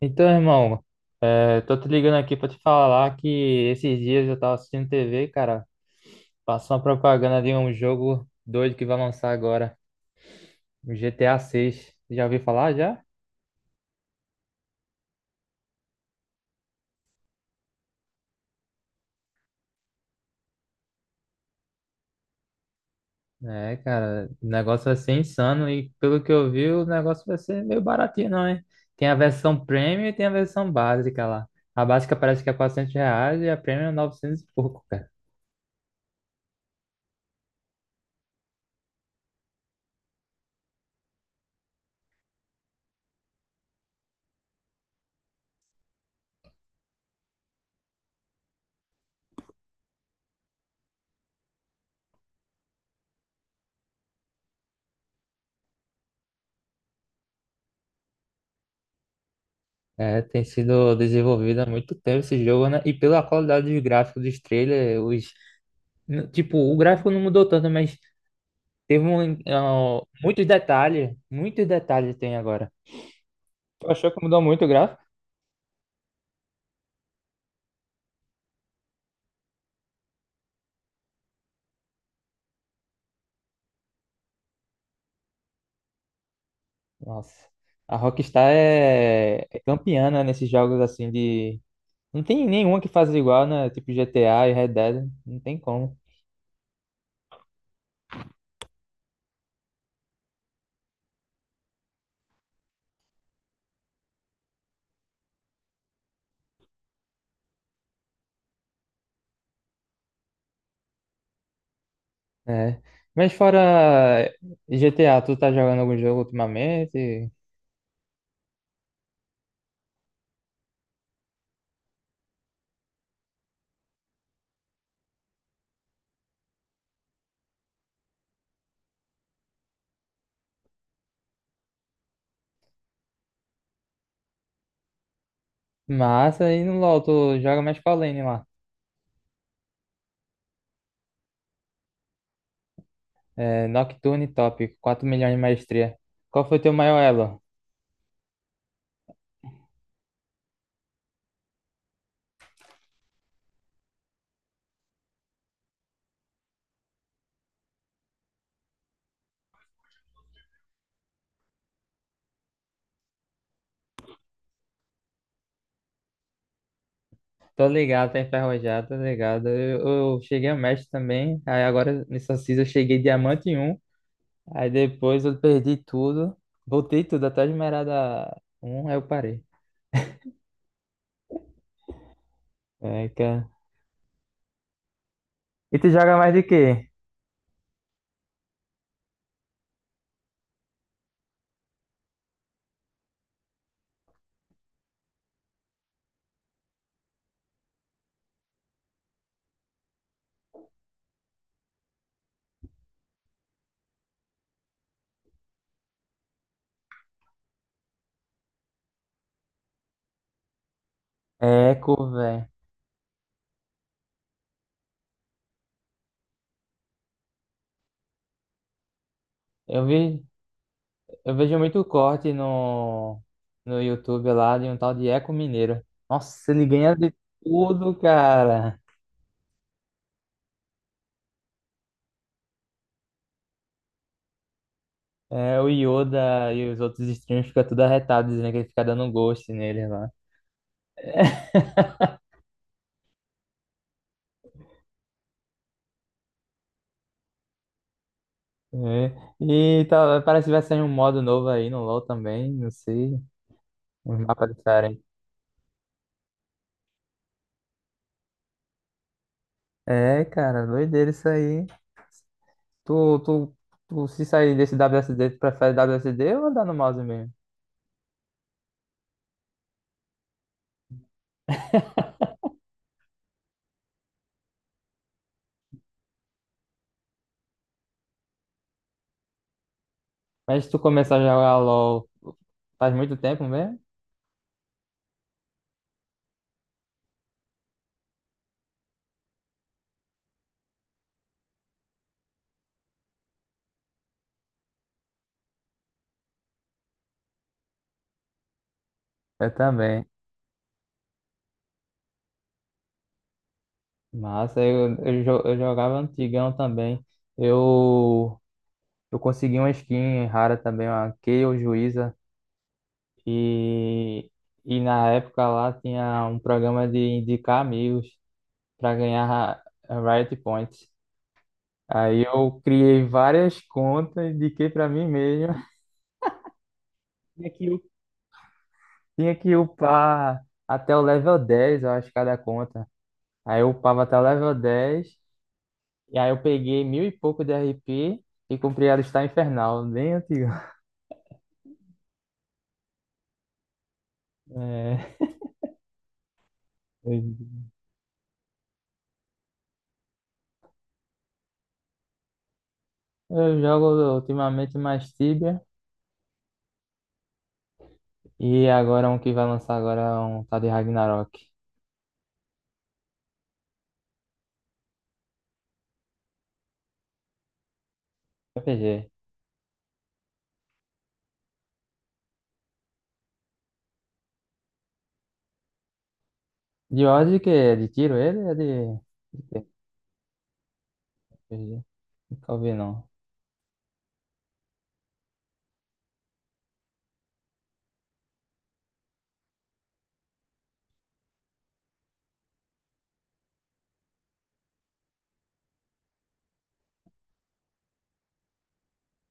Então, irmão, tô te ligando aqui pra te falar que esses dias eu tava assistindo TV, cara, passou uma propaganda de um jogo doido que vai lançar agora, o GTA 6. Já ouviu falar já? É, cara, o negócio vai ser insano e pelo que eu vi, o negócio vai ser meio baratinho, não, hein? Tem a versão premium e tem a versão básica lá. A básica parece que é R$ 400 e a premium é 900 e pouco, cara. É, tem sido desenvolvido há muito tempo esse jogo, né? E pela qualidade dos gráficos dos trailers, tipo, o gráfico não mudou tanto, mas teve muitos detalhes. Muitos detalhes tem agora. Tu achou que mudou muito o gráfico? Nossa. A Rockstar é campeã, né, nesses jogos assim de. Não tem nenhuma que faz igual, né? Tipo GTA e Red Dead. Não tem como. É. Mas fora GTA, tu tá jogando algum jogo ultimamente? Massa, e no LoL, tu joga mais qual lane lá? É, Nocturne Top, 4 milhões de maestria. Qual foi teu maior elo? Tô ligado, tá enferrujado, tô ligado. Eu cheguei a mestre também, aí agora nessa season eu cheguei diamante em um, aí depois eu perdi tudo, voltei tudo até esmeralda um, aí eu parei. É, cara. E tu joga mais de quê? Eco, velho. Eu vi, eu vejo muito corte no YouTube lá de um tal de Eco Mineiro. Nossa, ele ganha de tudo, cara. É, o Yoda e os outros streamers ficam tudo arretados, dizendo que ele fica dando ghost nele lá. É. E tá, parece que vai sair um modo novo aí no LoL também, não sei, uns mapas diferentes. É, cara, doideira isso aí. Tu, tu, tu se sair desse WSD, tu prefere WSD ou andar no mouse mesmo? Mas se tu começar a jogar LoL faz muito tempo mesmo? Eu também. Massa, eu jogava antigão também. Eu, eu consegui uma skin rara também, uma Kayle Juíza. E, e na época lá tinha um programa de indicar amigos para ganhar a Riot Points. Aí eu criei várias contas, indiquei para mim mesmo. Tinha que, u- tinha que upar até o level 10, eu acho, cada conta. Aí eu upava até o level 10 e aí eu peguei mil e pouco de RP e comprei a listar infernal, bem antiga. É, eu eu jogo ultimamente mais Tibia, e agora um que vai lançar agora é um tal de Ragnarok. RPG. De ordem que é de tiro ele? De quê? RPG? Nunca ouvi não.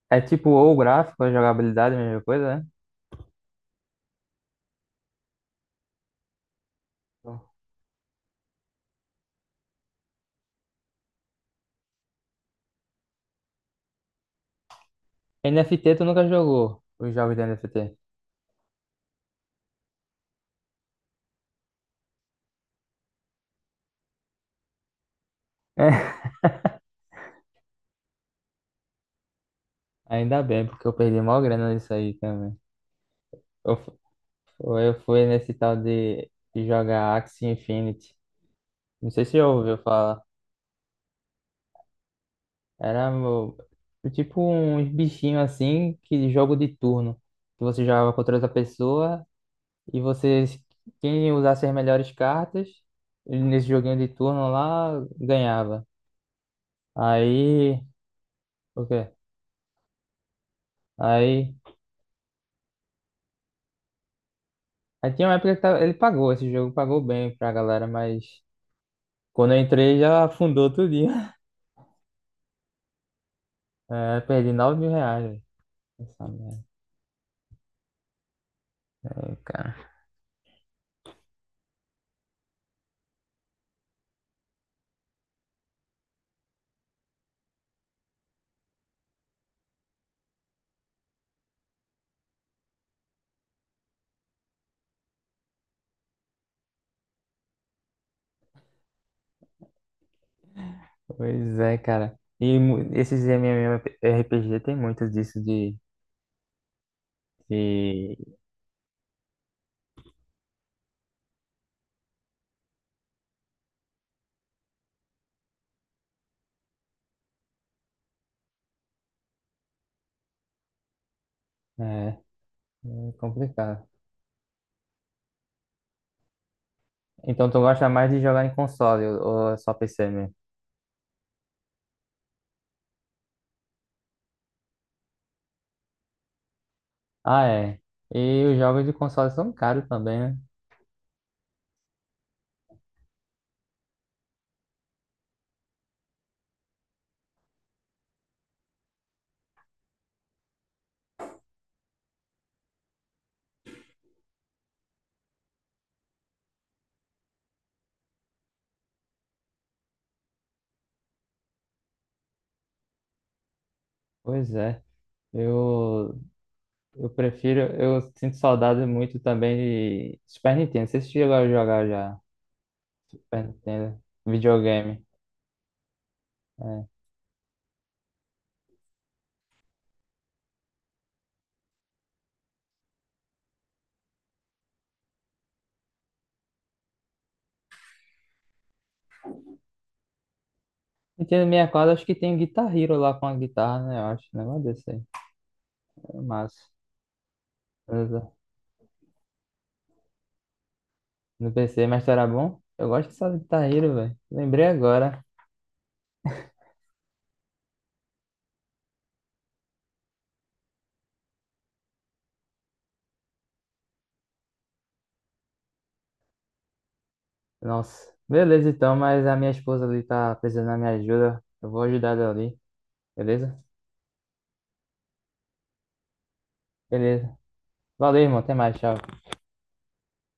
É tipo ou o gráfico, a jogabilidade, a mesma coisa, né? Então, NFT tu nunca jogou os jogos de NFT? É. Ainda bem, porque eu perdi mó grana nisso aí também. Eu, fu- eu fui nesse tal de jogar Axie Infinity. Não sei se você já ouviu falar. Era meu- tipo uns bichinhos assim, que jogo de turno. Que você jogava contra outra pessoa e você, quem usasse as melhores cartas, nesse joguinho de turno lá, ganhava. Aí, o quê? Aí, aí tinha uma época que ele pagou, esse jogo pagou bem pra galera, mas quando eu entrei já afundou tudinho. É, perdi 9 mil reais, velho. Essa merda, aí, cara. Pois é, cara. Esses MMORPG tem muitos disso de... É, é complicado. Então tu gosta mais de jogar em console ou é só PC mesmo? Ah, é. E os jogos de console são caros também, né? Pois é. Eu Eu prefiro, eu sinto saudade muito também de Super Nintendo. Vocês chegou a jogar já Super Nintendo, videogame. É. Nintendo 64, acho que tem Guitar Hero lá com a guitarra, né? Eu acho, um negócio desse aí. É massa. Beleza. No PC, mas era bom? Eu gosto dessa Guitar Hero, velho. Lembrei agora. Nossa. Beleza, então, mas a minha esposa ali tá precisando da minha ajuda. Eu vou ajudar ela ali, beleza? Beleza. Valeu, irmão. Até mais, tchau.